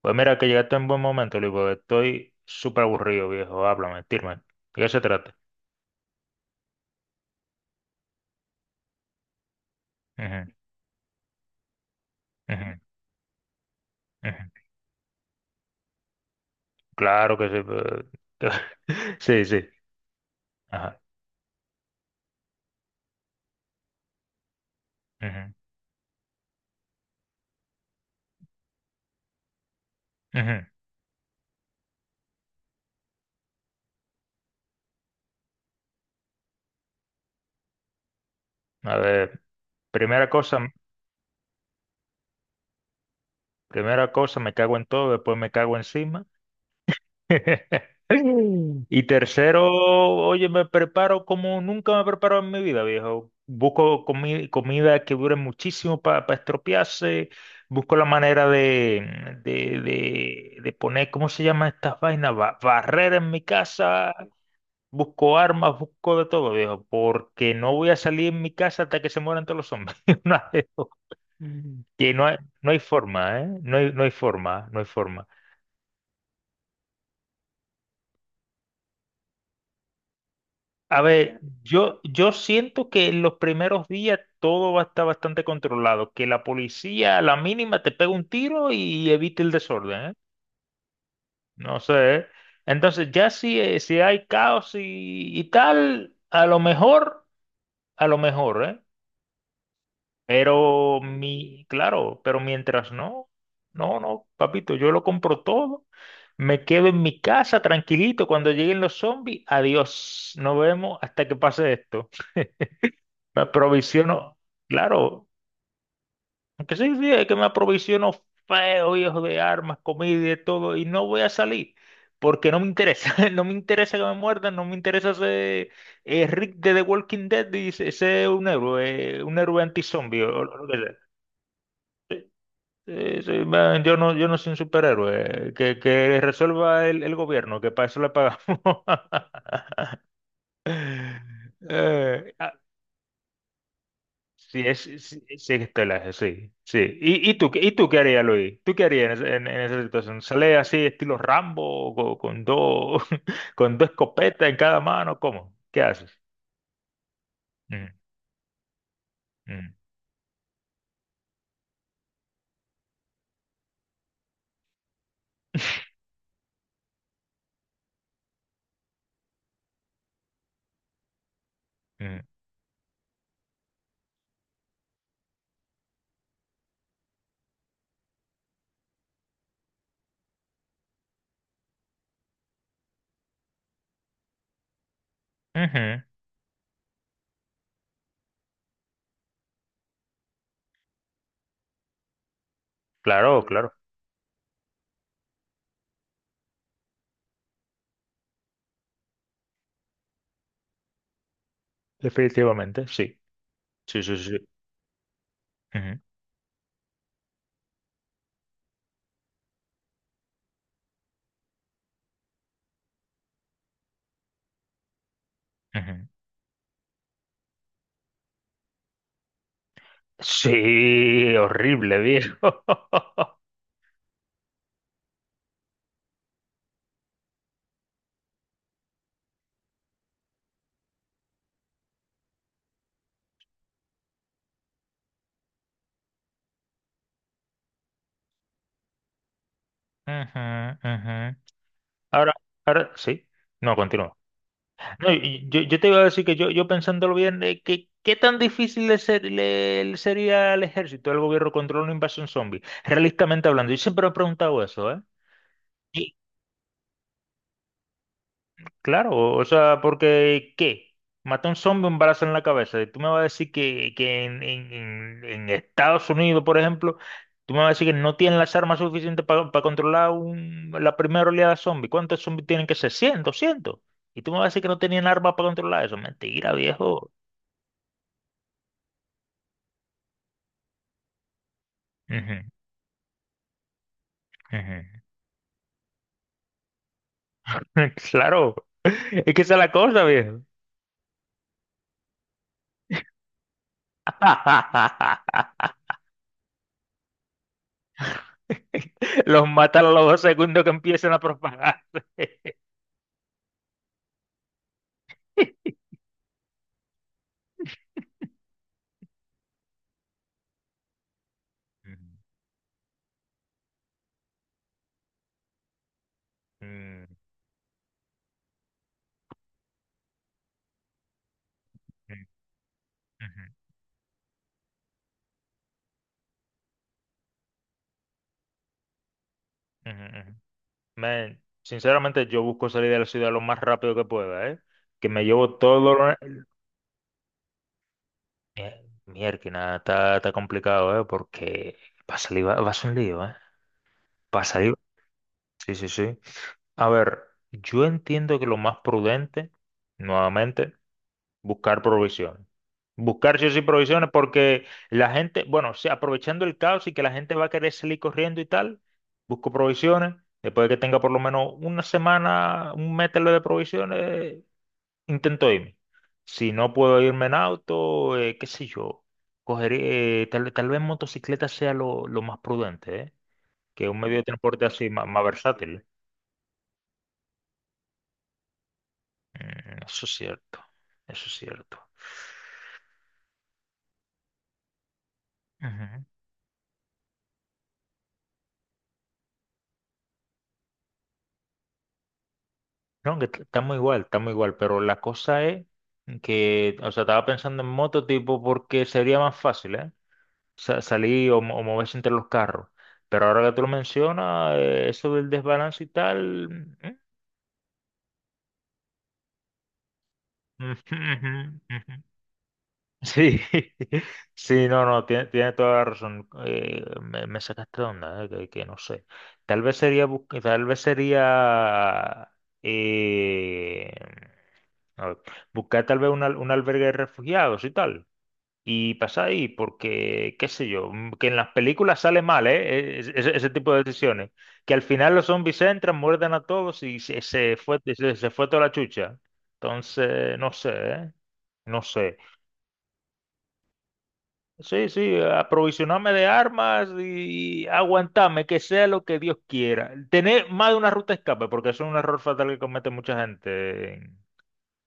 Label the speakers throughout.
Speaker 1: Pues mira, que llegaste en buen momento, Luis, porque estoy súper aburrido, viejo. Háblame, tírame. ¿De qué se trata? Ujú, ujú, ujú. Claro que sí. Sí, sí. Ajá. Ujú, ujú. A ver, primera cosa, primera cosa, me cago en todo, después me cago encima. Y tercero, oye, me preparo como nunca me he preparado en mi vida, viejo. Busco comida que dure muchísimo para estropearse. Busco la manera de poner, ¿cómo se llama estas vainas? Barrera en mi casa. Busco armas, busco de todo, viejo. Porque no voy a salir en mi casa hasta que se mueran todos los hombres. Una de dos. Que no hay forma, ¿eh? No hay forma, no hay forma. A ver, yo siento que en los primeros días todo va a estar bastante controlado, que la policía a la mínima te pega un tiro y evite el desorden, ¿eh? No sé. ¿Eh? Entonces ya si, si hay caos y tal, a lo mejor, ¿eh? Pero claro, pero mientras no, papito, yo lo compro todo, me quedo en mi casa tranquilito, cuando lleguen los zombies, adiós, nos vemos hasta que pase esto. Me aprovisiono, claro, aunque sí, sí, es que me aprovisiono feo, viejo, de armas, comida y de todo, y no voy a salir, porque no me interesa, no me interesa que me muerdan, no me interesa ser Rick de The Walking Dead y ser un héroe antizombie o lo que sea. Sí, sí, man, yo no soy un superhéroe, que resuelva el gobierno, que para eso le pagamos. Eh, Sí, sí, sí es estelaje, sí, sí. ¿Y, y tú qué harías, Luis? ¿Tú qué harías en esa situación? ¿Sale así estilo Rambo, con dos, con dos escopetas en cada mano? ¿Cómo? ¿Qué haces? Mm, mm, mm. Ujú. Claro, claro, definitivamente, sí. Sí, sí, sí. Ujú, ujú. Sí, horrible, viejo. Ujú, ujú. Ahora, ahora, sí. No, continúa. No, yo te iba a decir que yo pensándolo bien, que, ¿qué tan difícil le sería al ejército, al gobierno controlar una invasión zombie? Realistamente hablando, yo siempre me he preguntado eso, ¿eh? Y, claro, o sea, porque ¿qué? Mata a un zombie, un balazo en la cabeza. Y tú me vas a decir que en Estados Unidos, por ejemplo, tú me vas a decir que no tienen las armas suficientes para controlar la primera oleada zombie. ¿Cuántos zombies tienen que ser? Cien, doscientos. Y tú me vas a decir que no tenían armas para controlar eso. Mentira, viejo. Ujú. Claro, es que esa es la cosa, viejo. Los matan a los dos segundos que empiezan a propagarse. Mm, mm, ujú, ujú, ujú. Man, sinceramente yo busco salir de la ciudad lo más rápido que pueda, ¿eh? Que me llevo todo lo... Mierda, está complicado, ¿eh? Porque va a salir, va a ser un lío, ¿eh? Va a salir... Sí, sí, sí. A ver, yo entiendo que lo más prudente, nuevamente, buscar provisiones. Buscar sí o sí provisiones porque la gente, bueno, o sea, aprovechando el caos y que la gente va a querer salir corriendo y tal, busco provisiones. Después de que tenga por lo menos una semana, un mételo de provisiones, intento irme. Si no puedo irme en auto, qué sé yo, cogeré, tal vez motocicleta sea lo más prudente, ¿eh? Que un medio de transporte así más versátil. Mm, eso es cierto, eso es cierto. Ujú. No, estamos igual, pero la cosa es que, o sea, estaba pensando en moto tipo porque sería más fácil, ¿eh? Salir o moverse entre los carros. Pero ahora que tú lo mencionas, eso del desbalance y tal, mm, mm, ujú, ujú, ujú. Sí, sí, no, no, tiene, tiene toda la razón. Me sacaste de onda, que no sé. Tal vez sería, tal vez sería eh, a ver, buscar tal vez un albergue de refugiados y tal. Y pasar ahí, porque, qué sé yo, mm, que en las películas sale mal, ¿eh? Ese, ese tipo de decisiones. Que al final los zombies entran, muerden a todos se fue, se fue toda la chucha. Entonces, no sé, ¿eh? No sé. Sí, sí, aprovisionarme de armas y aguantarme, que sea lo que Dios quiera. Tener más de una ruta de escape, porque eso es un error fatal que comete mucha gente en,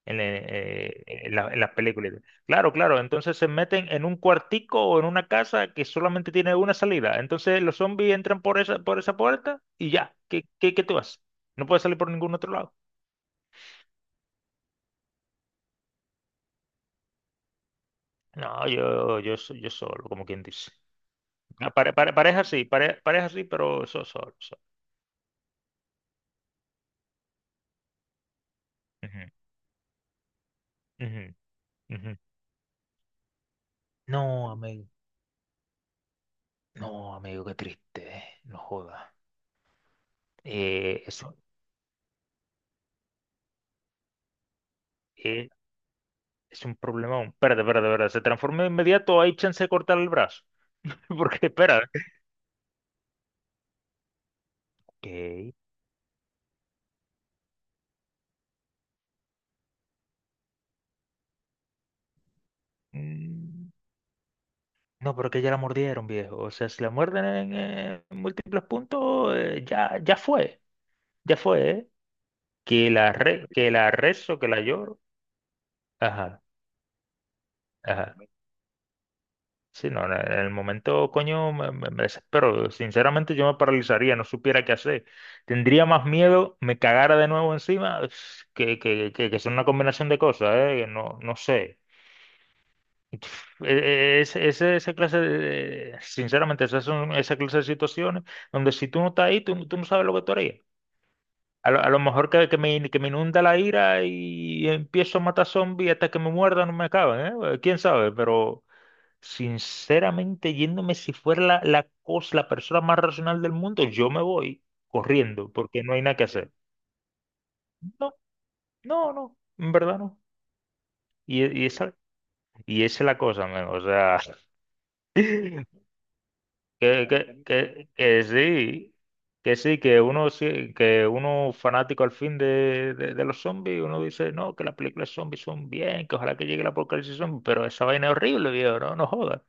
Speaker 1: en, eh, en la- en las películas. Claro, claro, entonces se meten en un cuartico o en una casa que solamente tiene una salida. Entonces los zombies entran por por esa puerta y ya, ¿qué, qué tú haces? No puedes salir por ningún otro lado. No, yo solo, como quien dice. Ah, pareja sí, pareja sí, pero solo, solo. Ujú, ujú. Ujú. No, amigo. No, amigo, qué triste, no jodas. Eso eh, es un problema. Espérate, espérate, espérate. ¿Se transforma de inmediato? ¿Hay chance de cortar el brazo? Porque, espera. Ok. Mm, no, pero que ya la mordieron, viejo. O sea, si la muerden en múltiples puntos, ya, ya fue. Ya fue, ¿eh? Que la rezo, que la lloro. Ajá, ajá. Sí, no, en el momento, coño, me desespero. Sinceramente, yo me paralizaría, no supiera qué hacer. Tendría más miedo, me cagara de nuevo encima, que son una combinación de cosas, ¿eh? Que no, no sé. E- Ese, esa clase de, sinceramente, esas son esa clase de situaciones donde si tú no estás ahí, tú no sabes lo que tú harías. A lo mejor que, que me inunda la ira y empiezo a matar zombies hasta que me muerdan, no me acaben, ¿eh? ¿Quién sabe? Pero... Sinceramente, yéndome, si fuera la cosa, la persona más racional del mundo, yo me voy corriendo porque no hay nada que hacer. No, no, no, en verdad no. Y esa, y esa es la cosa, men, o sea, que, que sí, que sí, que uno, que uno fanático al fin de los zombies, uno dice, no, que las películas zombies son bien, que ojalá que llegue la apocalipsis zombie, pero esa vaina es horrible, viejo, no, no jodas.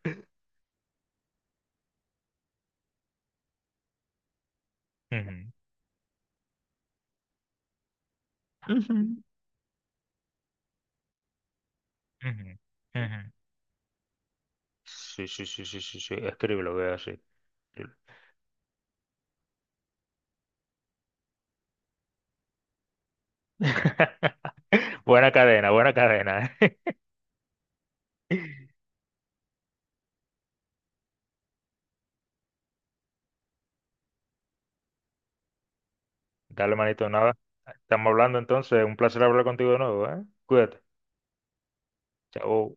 Speaker 1: Ujú, ujú, ujú, ujú. Sí, sí, sí, sí, sí, sí. Escríbelo, que es así. Escríbelo. Buena cadena, buena cadena. Dale, manito, nada. Estamos hablando entonces. Un placer hablar contigo de nuevo, ¿eh? Cuídate. Chao.